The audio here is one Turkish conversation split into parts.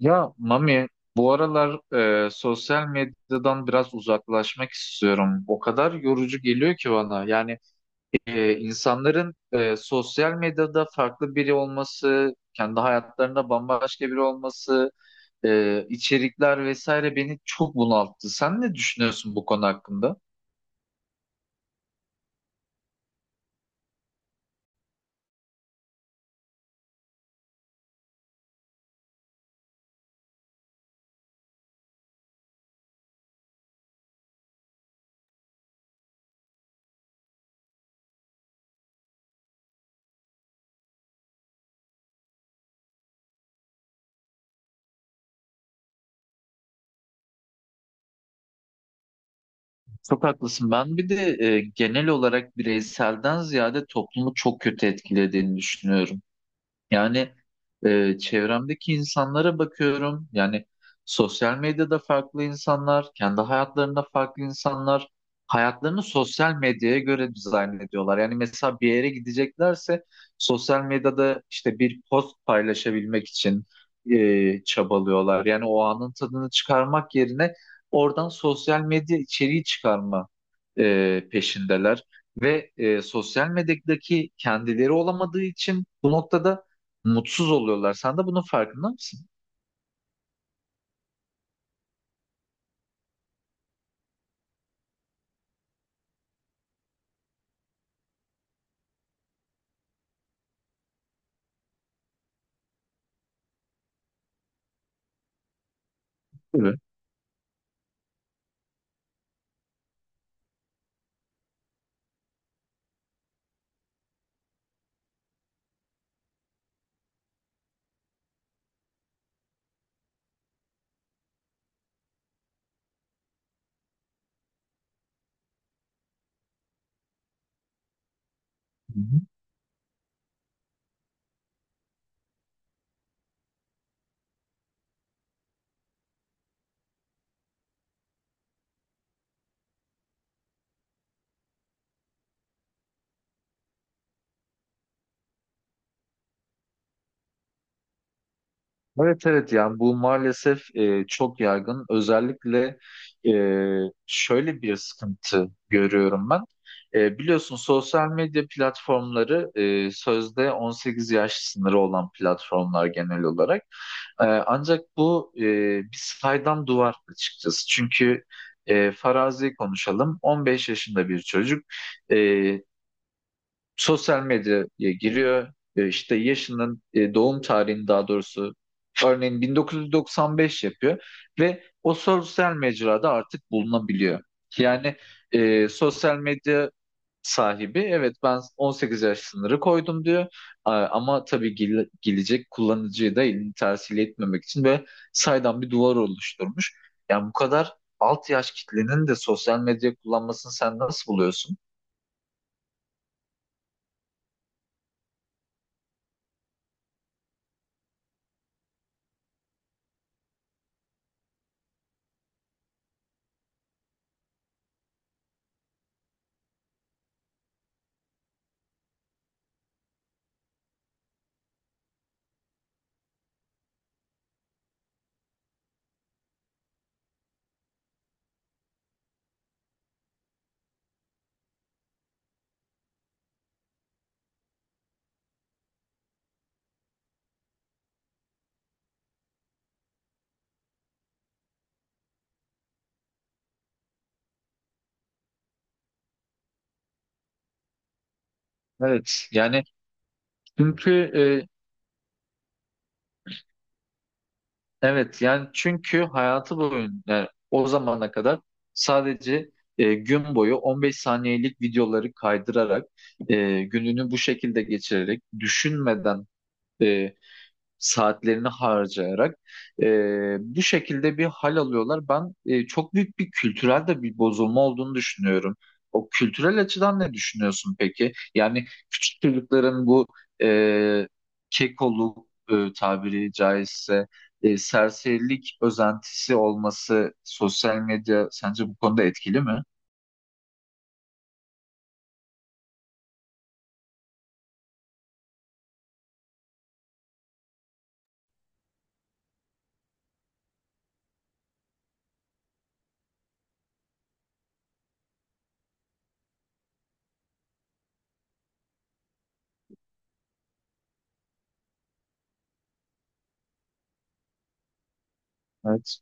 Ya Mami, bu aralar sosyal medyadan biraz uzaklaşmak istiyorum. O kadar yorucu geliyor ki bana. Yani insanların sosyal medyada farklı biri olması, kendi hayatlarında bambaşka biri olması, içerikler vesaire beni çok bunalttı. Sen ne düşünüyorsun bu konu hakkında? Çok haklısın. Ben bir de genel olarak bireyselden ziyade toplumu çok kötü etkilediğini düşünüyorum. Yani çevremdeki insanlara bakıyorum. Yani sosyal medyada farklı insanlar, kendi hayatlarında farklı insanlar hayatlarını sosyal medyaya göre dizayn ediyorlar. Yani mesela bir yere gideceklerse sosyal medyada işte bir post paylaşabilmek için çabalıyorlar. Yani o anın tadını çıkarmak yerine oradan sosyal medya içeriği çıkarma peşindeler. Ve sosyal medyadaki kendileri olamadığı için bu noktada mutsuz oluyorlar. Sen de bunun farkında mısın? Evet. Hı hı. Evet evet, yani bu maalesef çok yaygın. Özellikle e, şöyle bir sıkıntı görüyorum ben. Biliyorsun, sosyal medya platformları sözde 18 yaş sınırı olan platformlar genel olarak. Ancak bu bir saydam duvar açıkçası. Çünkü farazi konuşalım. 15 yaşında bir çocuk e, sosyal medyaya giriyor. İşte yaşının doğum tarihini daha doğrusu örneğin 1995 yapıyor ve o sosyal mecrada artık bulunabiliyor. Yani sosyal medya sahibi evet ben 18 yaş sınırı koydum diyor. Ama tabii gelecek kullanıcıyı da elini tersiyle etmemek için ve saydam bir duvar oluşturmuş. Yani bu kadar alt yaş kitlenin de sosyal medya kullanmasını sen nasıl buluyorsun? Evet yani çünkü e, çünkü hayatı boyunca, yani o zamana kadar sadece gün boyu 15 saniyelik videoları kaydırarak, gününü bu şekilde geçirerek, düşünmeden e, saatlerini harcayarak, e, bu şekilde bir hal alıyorlar. Ben çok büyük bir kültürel de bir bozulma olduğunu düşünüyorum. O kültürel açıdan ne düşünüyorsun peki? Yani küçük çocukların bu e, kekoluk, tabiri caizse serserilik özentisi olması, sosyal medya sence bu konuda etkili mi? Evet.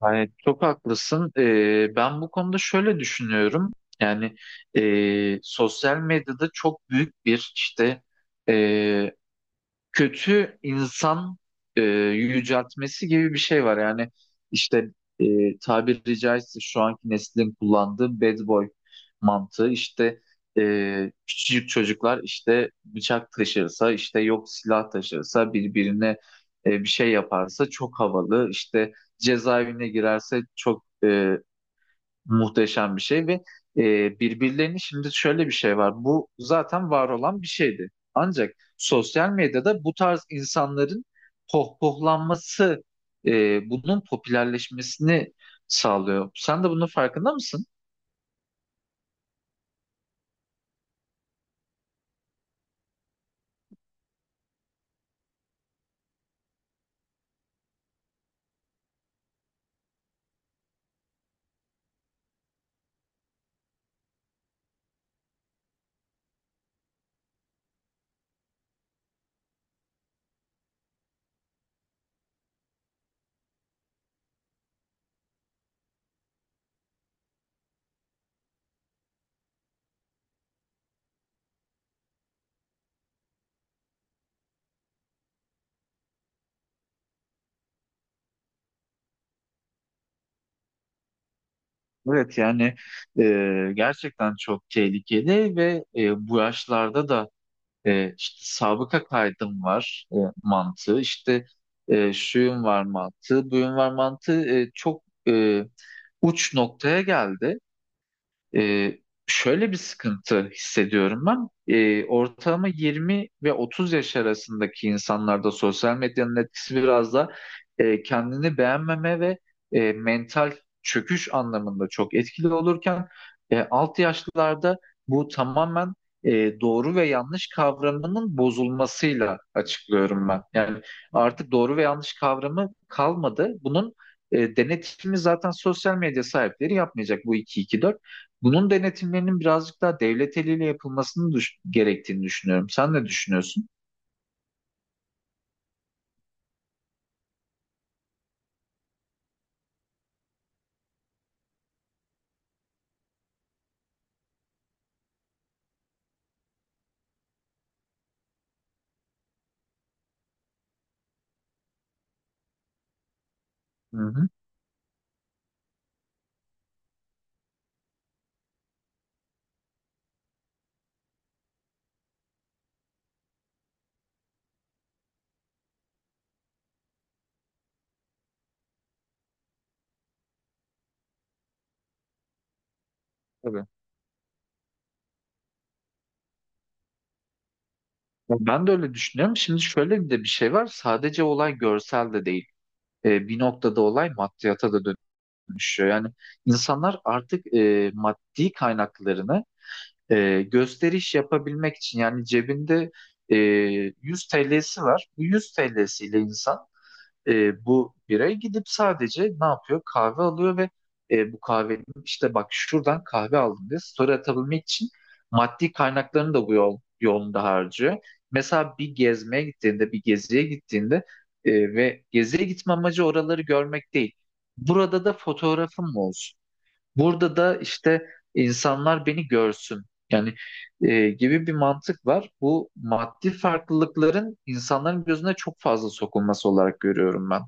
Hayır, çok haklısın. Ben bu konuda şöyle düşünüyorum. Yani sosyal medyada çok büyük bir işte kötü insan yüceltmesi gibi bir şey var. Yani işte tabiri caizse şu anki neslin kullandığı bad boy mantığı işte, küçücük çocuklar işte bıçak taşırsa, işte yok silah taşırsa birbirine bir şey yaparsa çok havalı, işte cezaevine girerse çok muhteşem bir şey, ve birbirlerini şimdi şöyle bir şey var. Bu zaten var olan bir şeydi. Ancak sosyal medyada bu tarz insanların pohpohlanması bunun popülerleşmesini sağlıyor. Sen de bunun farkında mısın? Evet yani gerçekten çok tehlikeli ve bu yaşlarda da işte sabıka kaydım var mantığı, işte şuyum var mantığı, buyum var mantığı çok uç noktaya geldi. Ee, şöyle bir sıkıntı hissediyorum ben. Ortalama 20 ve 30 yaş arasındaki insanlarda sosyal medyanın etkisi biraz da kendini beğenmeme ve mental çöküş anlamında çok etkili olurken, alt yaşlılarda bu tamamen doğru ve yanlış kavramının bozulmasıyla açıklıyorum ben. Yani artık doğru ve yanlış kavramı kalmadı. Bunun denetimi zaten sosyal medya sahipleri yapmayacak, bu iki iki dört. Bunun denetimlerinin birazcık daha devlet eliyle yapılmasını gerektiğini düşünüyorum. Sen ne düşünüyorsun? Hı hı. Tabii. Ya, ben de öyle düşünüyorum. Şimdi şöyle bir de bir şey var. Sadece olay görsel de değil. Bir noktada olay maddiyata da dönüşüyor. Yani insanlar artık maddi kaynaklarını gösteriş yapabilmek için, yani cebinde e, 100 TL'si var. Bu 100 TL'siyle bu birey gidip sadece ne yapıyor? Kahve alıyor ve bu kahvenin işte, bak şuradan kahve aldım diye story atabilmek için maddi kaynaklarını da bu yolunda harcıyor. Mesela bir gezmeye gittiğinde, bir geziye gittiğinde, ve geziye gitme amacı oraları görmek değil. Burada da fotoğrafım olsun. Burada da işte insanlar beni görsün. Yani gibi bir mantık var. Bu maddi farklılıkların insanların gözüne çok fazla sokulması olarak görüyorum ben.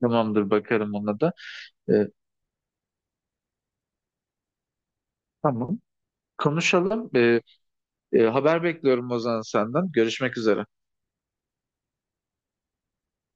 Tamamdır, bakarım ona da. Ee, tamam. Konuşalım. Haber bekliyorum Ozan senden. Görüşmek üzere.